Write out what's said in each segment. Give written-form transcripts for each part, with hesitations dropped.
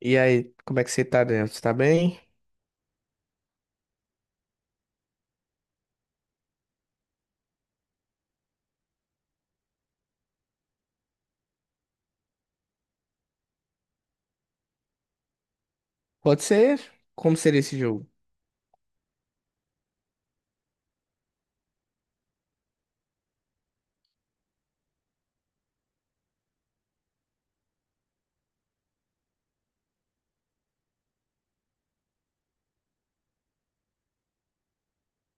E aí, como é que você tá dentro? Você tá bem? Pode ser? Como seria esse jogo?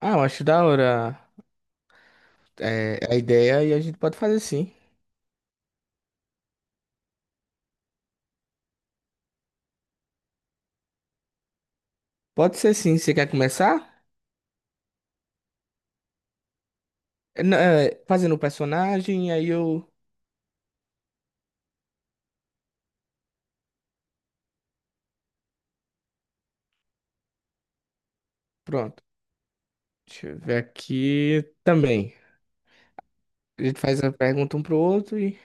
Ah, eu acho da hora a ideia e a gente pode fazer sim. Pode ser sim. Você quer começar? Não, fazendo o personagem, aí eu. Pronto. Deixa eu ver aqui também. A gente faz a pergunta um pro outro e.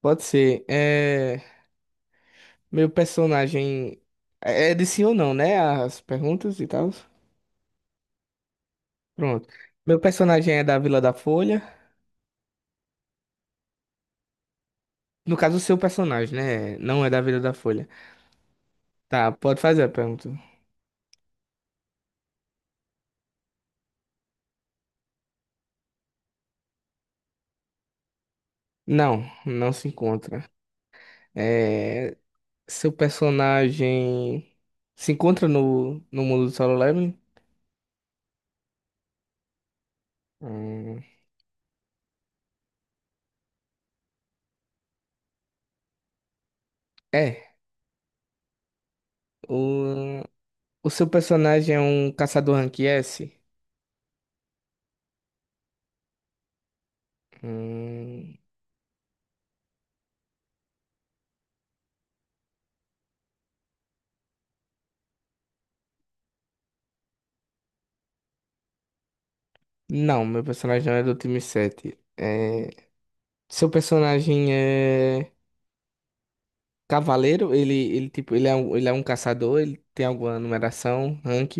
Pode ser. Meu personagem. É de sim ou não, né? As perguntas e tal. Pronto. Meu personagem é da Vila da Folha. No caso, o seu personagem, né? Não é da Vila da Folha. Tá, pode fazer a pergunta. Não, não se encontra. É, seu personagem se encontra no mundo do Solo Leveling? Hum, é. O, o seu personagem é um caçador rank S? Hum, não, meu personagem não é do time 7. É, seu personagem é cavaleiro? Ele, tipo, ele é um caçador? Ele tem alguma numeração, rank?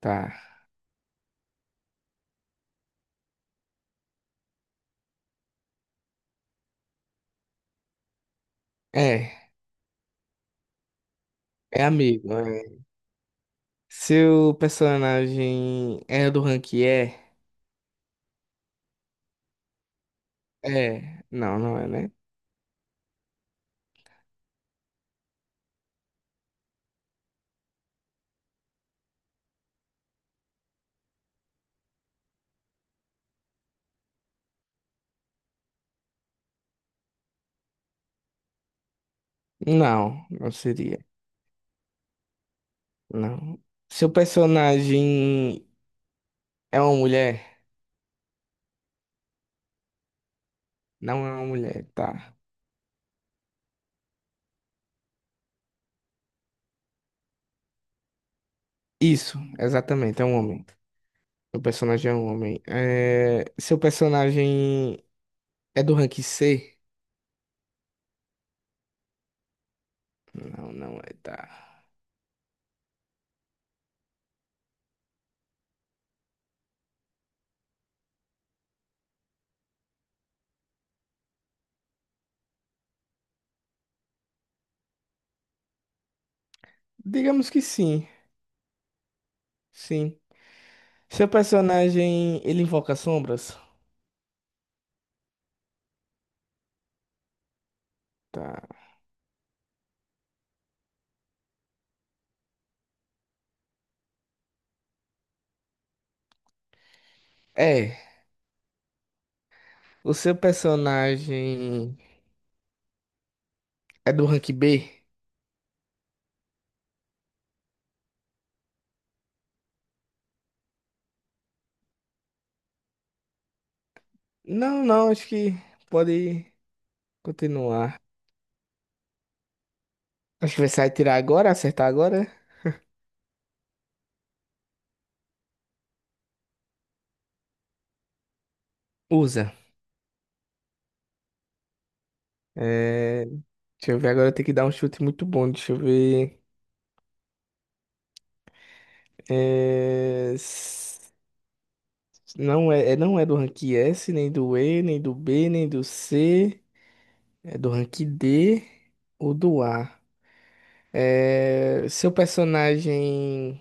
Tá. É, é amigo. É. Seu personagem é do rank E? É. Não, não é, né? Não, não seria. Não. Seu personagem é uma mulher? Não é uma mulher, tá. Isso, exatamente, é um homem. Seu personagem é um homem. É, seu personagem é do rank C? Não, não é, tá. Digamos que sim, sim. Seu personagem, ele invoca sombras? Tá. É. O seu personagem é do rank B? Não, não, acho que pode continuar. Acho que vai sair, tirar agora, acertar agora. Usa. É, deixa eu ver, agora eu tenho que dar um chute muito bom. Deixa eu ver. É, s- não é, não é do rank S, nem do E, nem do B, nem do C. É do rank D ou do A. É, seu personagem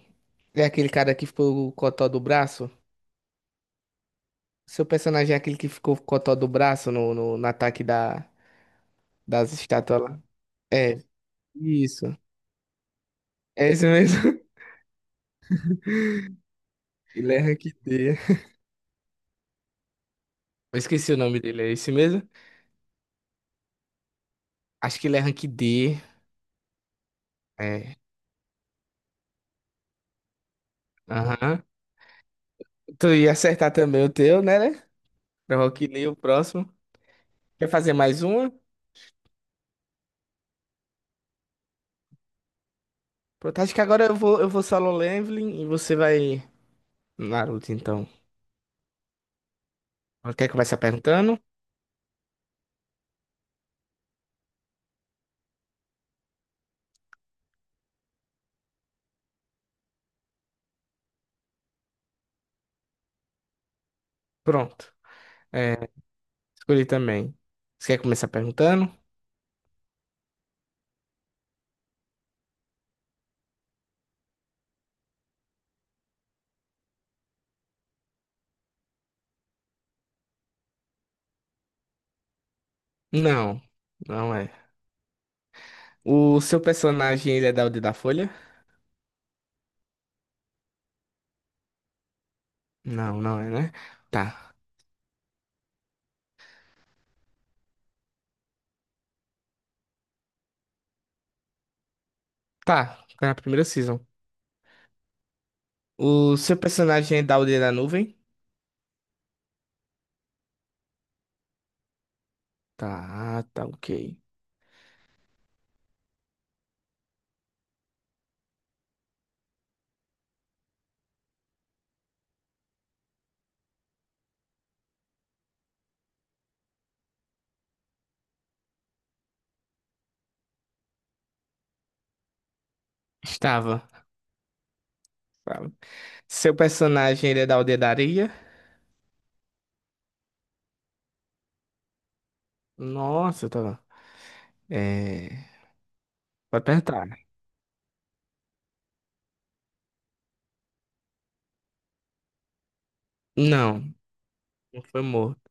é aquele cara que ficou o cotó do braço? Seu personagem é aquele que ficou o cotó do braço no ataque da, das estátuas lá? É, isso. É esse mesmo. Ele é rank D. Eu esqueci o nome dele, é esse mesmo? Acho que ele é rank D. É. Aham. Tu ia acertar também o teu, né, né? Pro Rock Lee, o próximo. Quer fazer mais uma? Pronto, acho que agora eu vou solo leveling e você vai Naruto, então. Quer começar perguntando? Pronto. É, escolhi também. Você quer começar perguntando? Não, não é. O seu personagem, ele é da Aldeia da Folha? Não, não é, né? Tá. Tá, tá na primeira season. O seu personagem é da aldeia da nuvem? Tá, tá, ok. Estava. Estava. Seu personagem ele é da aldeia da areia? Nossa, tava. É. Pode perguntar. Não, não foi morto.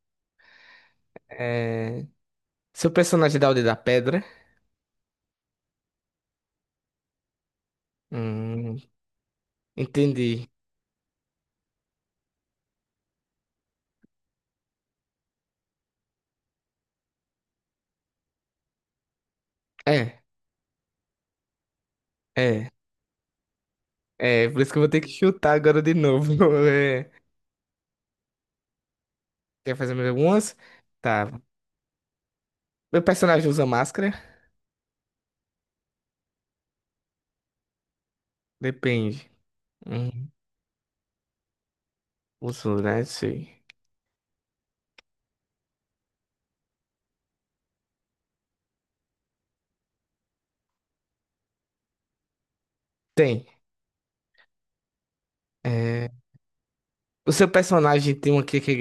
É... Seu personagem é da aldeia da pedra? Hum, entendi. É, é, Por isso que eu vou ter que chutar agora de novo. É, quer fazer mais algumas? Tá. Meu personagem usa máscara? Depende. Hum, uso, né? Sei. Tem. É, o seu personagem tem uma Kekkei.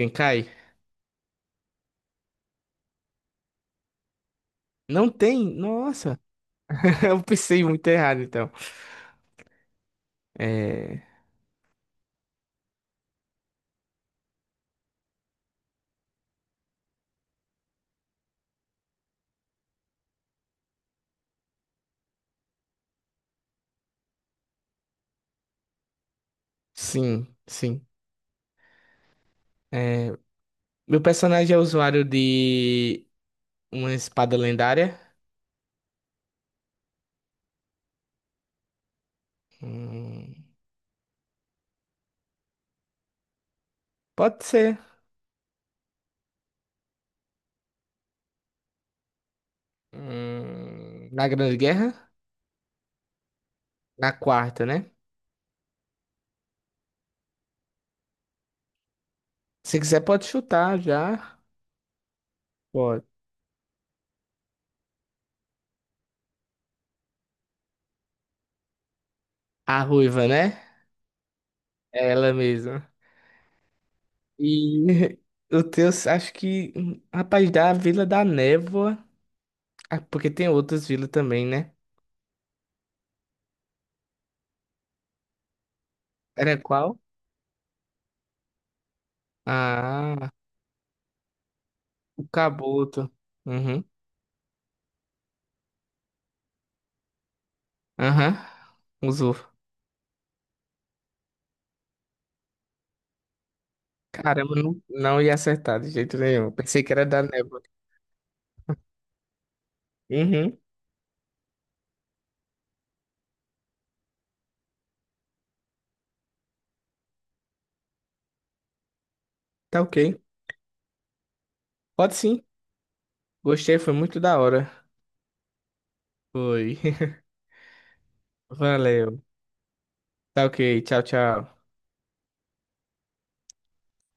Não tem? Nossa, eu pensei muito errado então. É, sim, sim. É, meu personagem é usuário de uma espada lendária. Hum, pode ser. Na Grande Guerra? Na quarta, né? Se quiser, pode chutar já. Pode. A ruiva, né? É ela mesma. E o teu, acho que. Hum, rapaz, da Vila da Névoa. Ah, porque tem outras vilas também, né? Era qual? Ah, o caboto. Uhum. Aham. Usou. Caramba, não, não ia acertar de jeito nenhum. Pensei que era da névoa. Uhum. Tá ok. Pode sim. Gostei, foi muito da hora. Foi. Valeu. Tá ok. Tchau, tchau.